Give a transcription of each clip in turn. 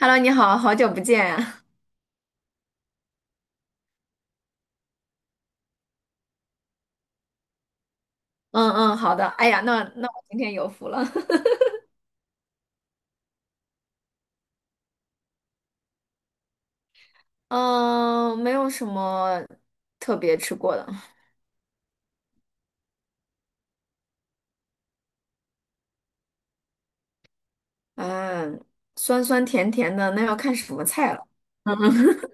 Hello，你好，好久不见。呀。嗯嗯，好的。哎呀，那我今天有福了。嗯，没有什么特别吃过的。嗯，酸酸甜甜的，那要看什么菜了。嗯嗯。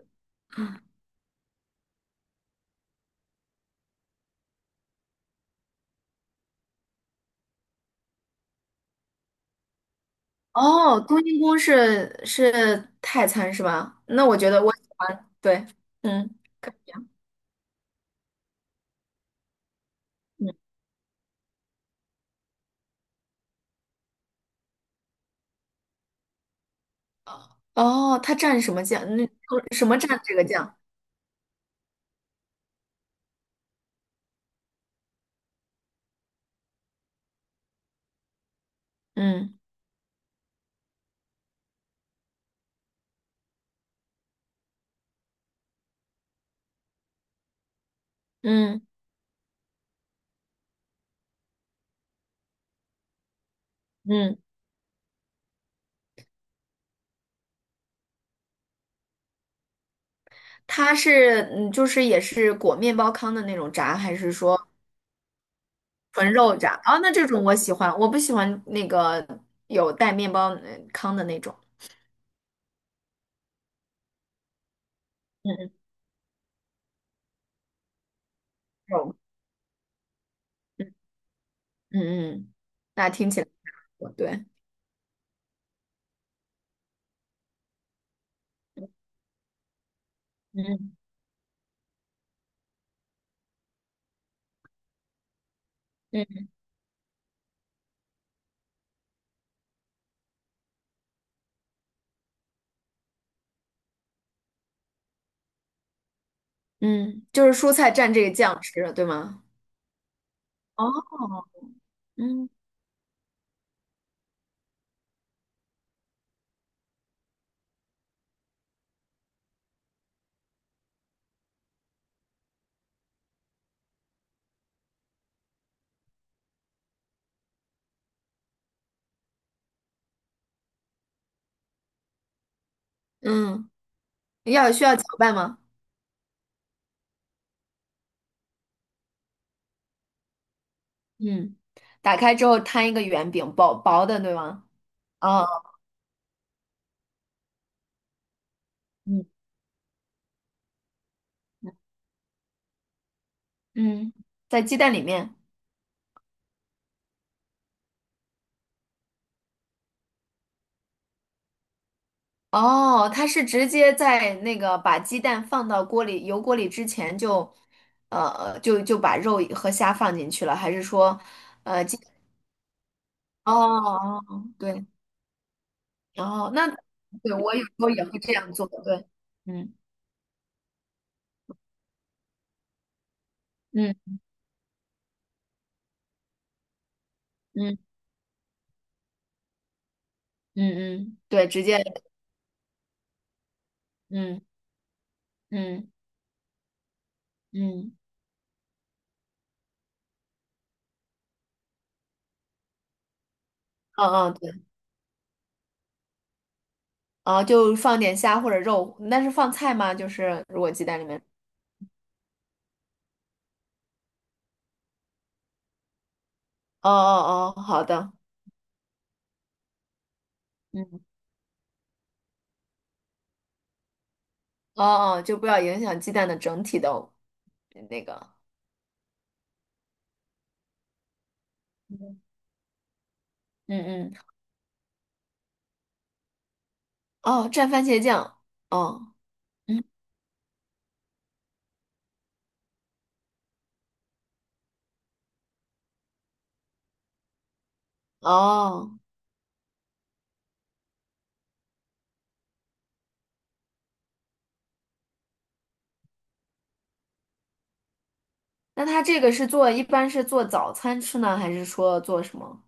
哦，冬阴功是泰餐是吧？那我觉得我喜欢。对，嗯嗯。哦，它蘸什么酱？那什么蘸这个酱？嗯嗯嗯，嗯它是嗯，就是也是裹面包糠的那种炸，还是说？纯肉炸啊，那这种我喜欢，我不喜欢那个有带面包糠的那种。嗯嗯，肉，嗯嗯嗯，那听起来不错对，嗯嗯嗯，就是蔬菜蘸这个酱吃，对吗？哦，嗯嗯，要需要搅拌吗？嗯，打开之后摊一个圆饼，薄薄的，对吗？哦，嗯嗯，在鸡蛋里面。哦，它是直接在那个把鸡蛋放到锅里油锅里之前就，就把肉和虾放进去了，还是说，呃，鸡？哦哦，哦对，哦，那对我有时候也会这样做，对，嗯嗯嗯嗯嗯，对，直接，嗯嗯嗯嗯嗯，对，哦，就放点虾或者肉，那是放菜吗？就是如果鸡蛋里面，哦哦哦，好的，嗯，哦哦，就不要影响鸡蛋的整体的那个。嗯嗯哦，蘸番茄酱。哦嗯，哦，那它这个是做，一般是做早餐吃呢，还是说做什么？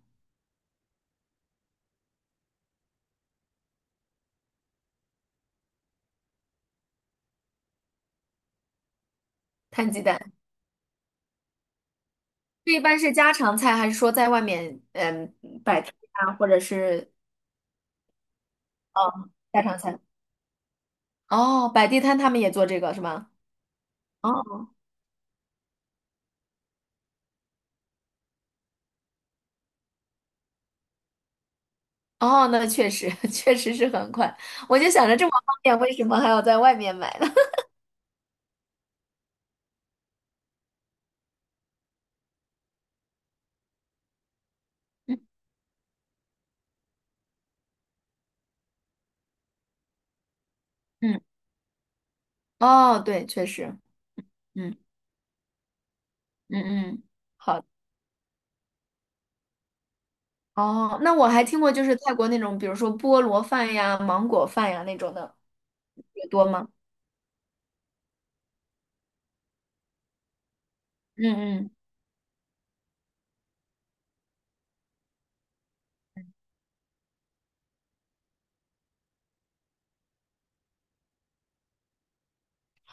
摊鸡蛋，这一般是家常菜，还是说在外面嗯摆摊啊，或者是嗯家常菜？哦，摆地摊他们也做这个是吗？哦哦，那确实 确实是很快。我就想着这么方便，为什么还要在外面买呢？嗯嗯哦，对，确实，嗯嗯嗯，好。哦，那我还听过，就是泰国那种，比如说菠萝饭呀、芒果饭呀那种的，也多吗？嗯嗯。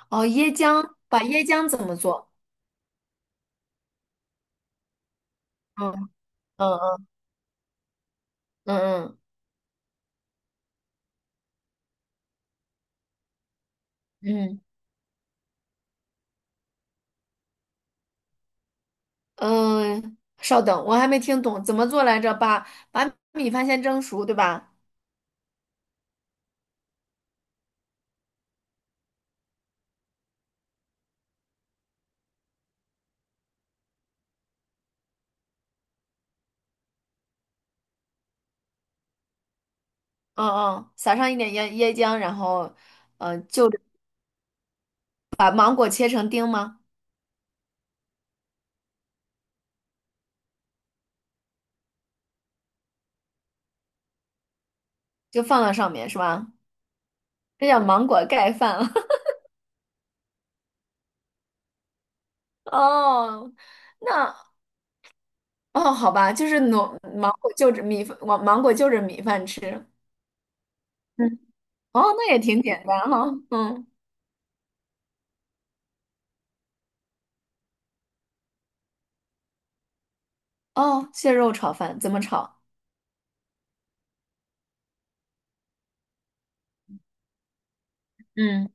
哦，椰浆，把椰浆怎么做？嗯嗯嗯嗯嗯嗯，稍等，我还没听懂怎么做来着。把把米饭先蒸熟，对吧？嗯嗯，撒上一点椰椰浆，然后，呃，就着把芒果切成丁吗？就放到上面是吧？这叫芒果盖饭。哦，那哦，好吧，就是农芒果就着米饭，芒果就着米饭吃。嗯哦，那也挺简单哈、嗯，哦，蟹肉炒饭怎么炒？嗯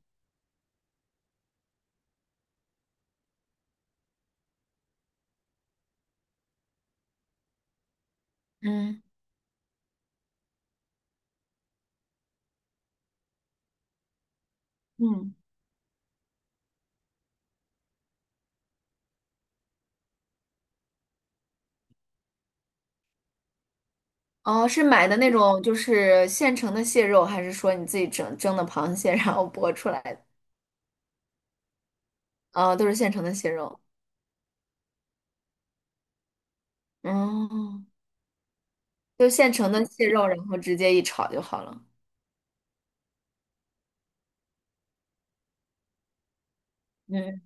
嗯，嗯，哦，是买的那种就是现成的蟹肉，还是说你自己整蒸的螃蟹然后剥出来的？哦，都是现成的蟹肉。哦，就现成的蟹肉，然后直接一炒就好了。嗯，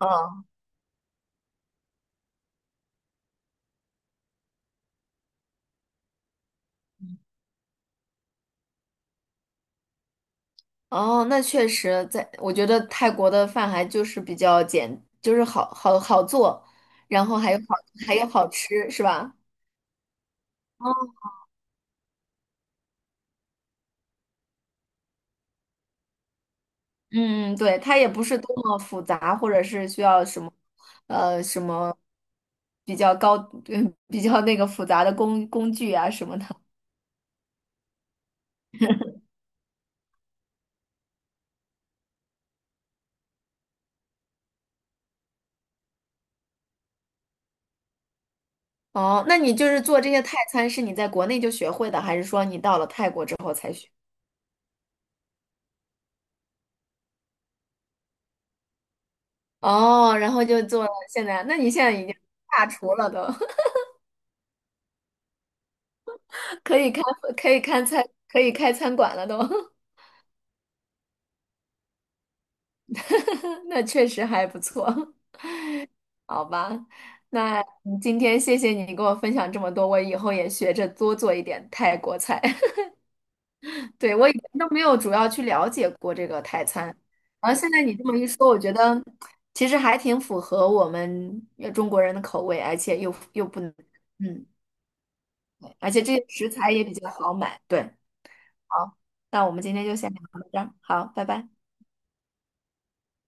哦。哦，那确实在，我觉得泰国的饭还就是比较简，就是好好好做，然后还有好还有好吃，是吧？嗯，嗯对，它也不是多么复杂，或者是需要什么，呃，比较高，嗯，比较那个复杂的工具啊什么的。哦，那你就是做这些泰餐，是你在国内就学会的，还是说你到了泰国之后才学？哦，然后就做了现在，那你现在已经大厨了都。可以开 可以开餐可以开餐馆了都，那确实还不错，好吧？那嗯今天谢谢你给我分享这么多，我以后也学着多做一点泰国菜。对，我以前都没有主要去了解过这个泰餐，然后现在你这么一说，我觉得其实还挺符合我们中国人的口味，而且又不能，嗯，对而且这些食材也比较好买。对，好，那我们今天就先聊到这儿，好，拜拜。